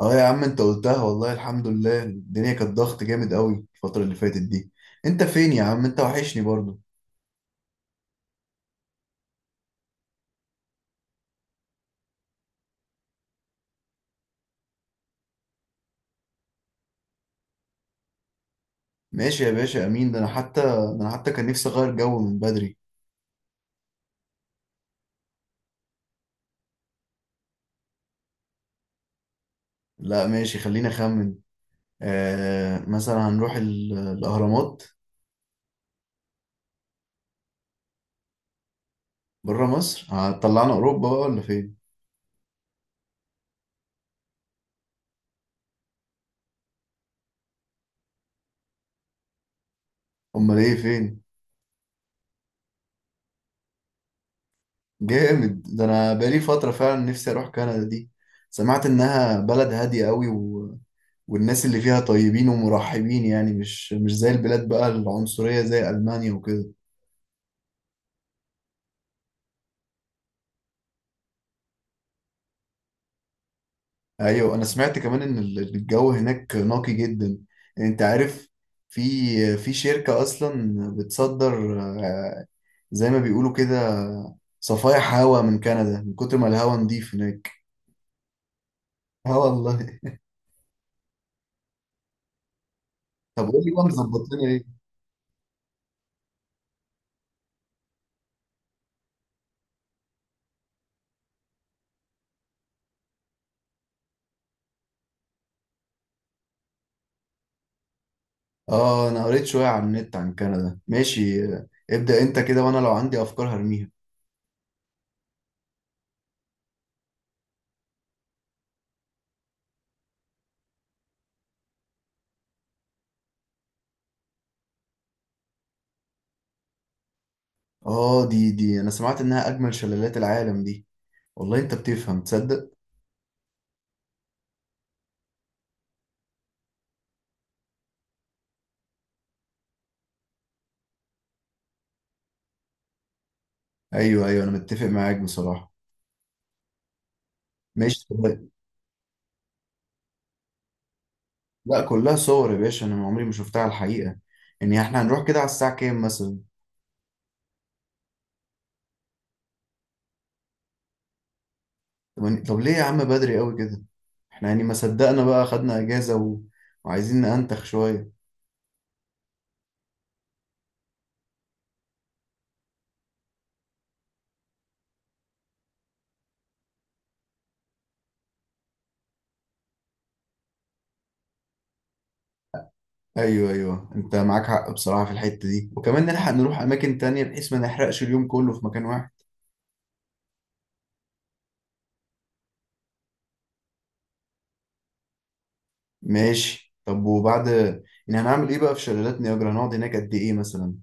اه يا عم، انت قلتها. والله الحمد لله، الدنيا كانت ضغط جامد قوي الفترة اللي فاتت دي. انت فين يا عم؟ انت وحشني برضو. ماشي يا باشا، امين. ده انا حتى كان نفسي اغير جو من بدري. لا، ماشي، خلينا اخمن. مثلا هنروح الاهرامات. بره مصر؟ هتطلعنا اوروبا بقى ولا فين؟ امال ايه، فين؟ جامد، ده انا بقالي فترة فعلا نفسي اروح كندا دي. سمعت انها بلد هادية قوي، والناس اللي فيها طيبين ومرحبين، يعني مش زي البلاد بقى العنصرية زي ألمانيا وكده. أيوة، أنا سمعت كمان إن الجو هناك نقي جدا. أنت عارف، في في شركة أصلا بتصدر، آه، زي ما بيقولوا كده، صفايح هوا من كندا، من كتر ما الهوا نضيف هناك. اه والله. طب قول لي بقى، مظبط لنا ايه؟ اه، انا قريت شويه عن النت عن كندا. ماشي، ابدأ انت كده، وانا لو عندي افكار هرميها. اه. دي انا سمعت انها اجمل شلالات العالم دي. والله انت بتفهم، تصدق؟ ايوه، ايوه، انا متفق معاك بصراحه. ماشي. لا، كلها صور يا باشا، انا عمري ما شفتها على الحقيقه. يعني احنا هنروح كده على الساعه كام مثلا؟ طب ليه يا عم بدري قوي كده؟ احنا يعني ما صدقنا بقى، خدنا اجازه وعايزين ننتخ شويه. ايوه، ايوه، انت معاك حق بصراحه في الحته دي، وكمان نلحق نروح اماكن تانية بحيث ما نحرقش اليوم كله في مكان واحد. ماشي. طب وبعد يعني هنعمل ايه بقى في شلالات نياجرا؟ هنقعد هناك قد ايه مثلا؟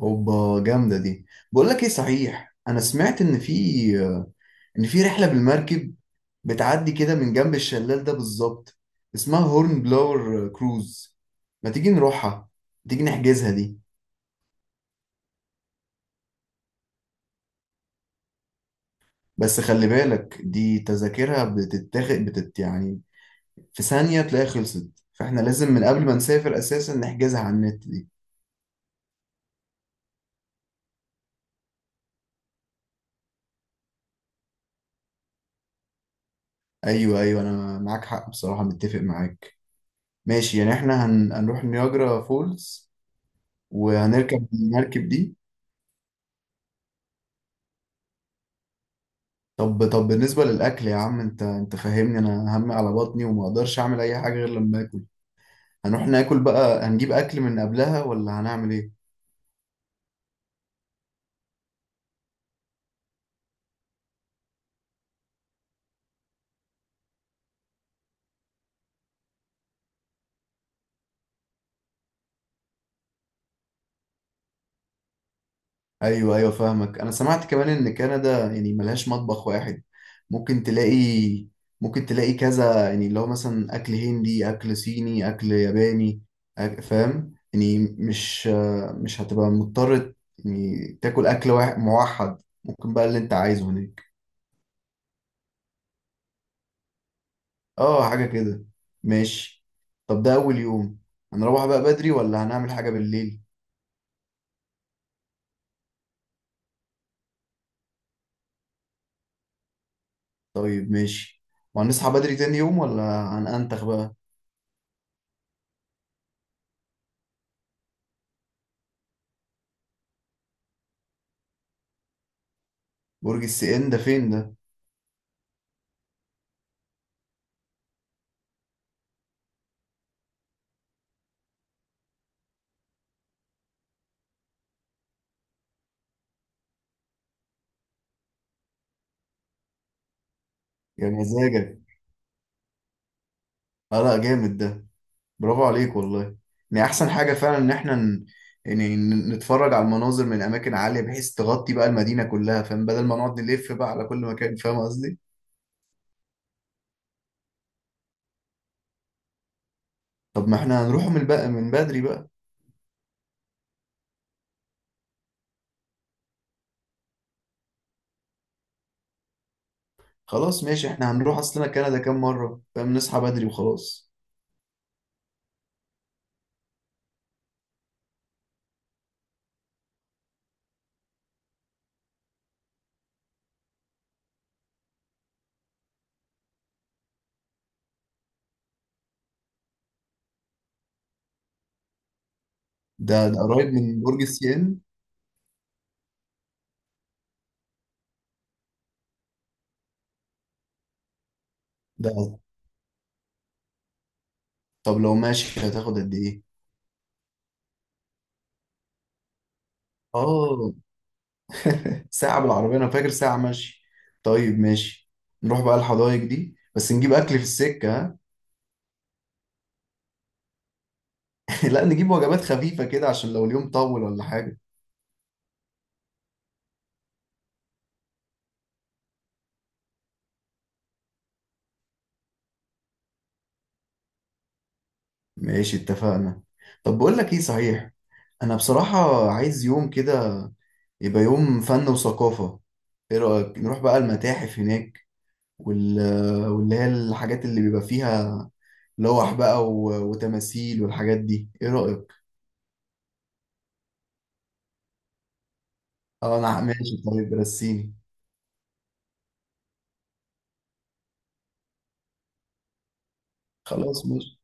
اوبا، جامده دي. بقول لك ايه صحيح، انا سمعت ان في رحله بالمركب بتعدي كده من جنب الشلال ده بالظبط، اسمها هورن بلاور كروز. ما تيجي نروحها؟ تيجي نحجزها دي؟ بس خلي بالك، دي تذاكرها بتتاخد يعني، في ثانيه تلاقي خلصت، فاحنا لازم من قبل ما نسافر اساسا نحجزها على النت دي. ايوه، ايوه، انا معاك حق بصراحه، متفق معاك. ماشي، يعني احنا هنروح نياجرا فولز وهنركب المركب دي. طب بالنسبة للأكل يا عم، أنت فاهمني، أنا همي على بطني وما أقدرش أعمل أي حاجة غير لما آكل. هنروح ناكل بقى، هنجيب أكل من قبلها ولا هنعمل إيه؟ أيوه، أيوه، فاهمك. أنا سمعت كمان إن كندا يعني ملهاش مطبخ واحد. ممكن تلاقي ممكن تلاقي كذا، يعني اللي هو مثلا أكل هندي، أكل صيني، أكل ياباني. فاهم؟ يعني مش هتبقى مضطر يعني تاكل أكل واحد موحد، ممكن بقى اللي أنت عايزه هناك. اه، حاجة كده. ماشي. طب ده أول يوم، هنروح بقى بدري ولا هنعمل حاجة بالليل؟ طيب، ماشي. وهنصحى بدري تاني يوم ولا هنأنتخ بقى؟ برج السي ان ده فين ده؟ يا مزاجك. اه لا، جامد ده. برافو عليك والله. يعني أحسن حاجة فعلا إن احنا يعني نتفرج على المناظر من أماكن عالية بحيث تغطي بقى المدينة كلها، فاهم، بدل ما نقعد نلف بقى على كل مكان، فاهم قصدي. طب ما احنا هنروح من بدري بقى؟ خلاص، ماشي، احنا هنروح. أصلنا كندا كام مرة فاهم، نصحى بدري وخلاص. ده قريب من برج السي ان ده؟ طب لو ماشي هتاخد قد ايه؟ اه. ساعة بالعربية، انا فاكر ساعة ماشي. طيب، ماشي. نروح بقى الحدائق دي، بس نجيب اكل في السكة. ها؟ لا، نجيب وجبات خفيفة كده عشان لو اليوم طول ولا حاجة. ماشي، اتفقنا. طب بقول لك ايه صحيح، انا بصراحة عايز يوم كده يبقى يوم فن وثقافة. ايه رأيك نروح بقى المتاحف هناك وال... واللي هي الحاجات اللي بيبقى فيها، لوح بقى وتماثيل والحاجات دي، ايه رأيك؟ اه انا ماشي، طيب رسيني. خلاص ماشي.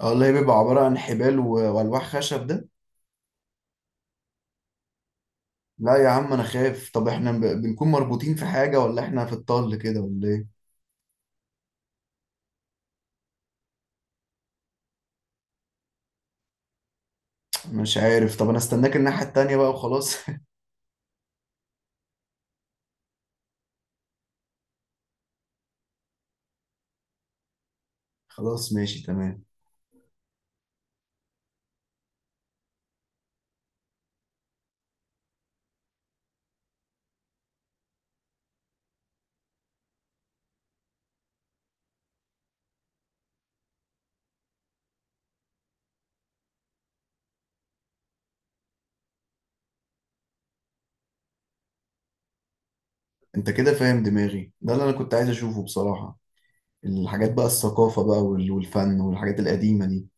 اه والله، بيبقى عبارة عن حبال والواح خشب ده. لا يا عم انا خايف، طب احنا بنكون مربوطين في حاجة ولا احنا في الطل كده ولا ايه؟ مش عارف، طب انا استناك الناحية التانية بقى وخلاص. خلاص ماشي تمام. انت كده فاهم دماغي، ده اللي انا كنت عايز اشوفه بصراحة. الحاجات بقى، الثقافة بقى والفن والحاجات القديمة دي.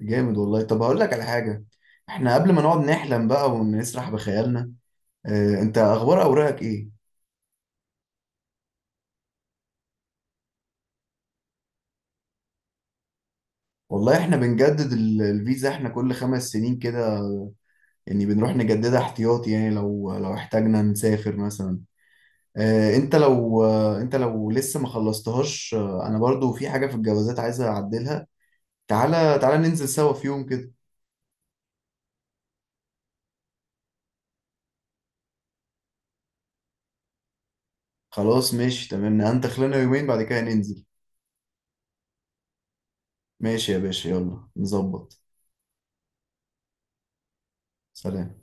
جامد والله. طب هقول لك على حاجة، احنا قبل ما نقعد نحلم بقى ونسرح بخيالنا، انت اخبار اوراقك ايه؟ والله احنا بنجدد الفيزا احنا كل 5 سنين كده، يعني بنروح نجددها احتياطي، يعني لو احتاجنا نسافر مثلا. انت لو لسه ما خلصتهاش، انا برضو في حاجة في الجوازات عايز اعدلها. تعالى تعالى، ننزل سوا في يوم كده. خلاص ماشي تمام، انت خلينا يومين بعد كده ننزل. ماشي يا باشا، يلا نظبط. سلام.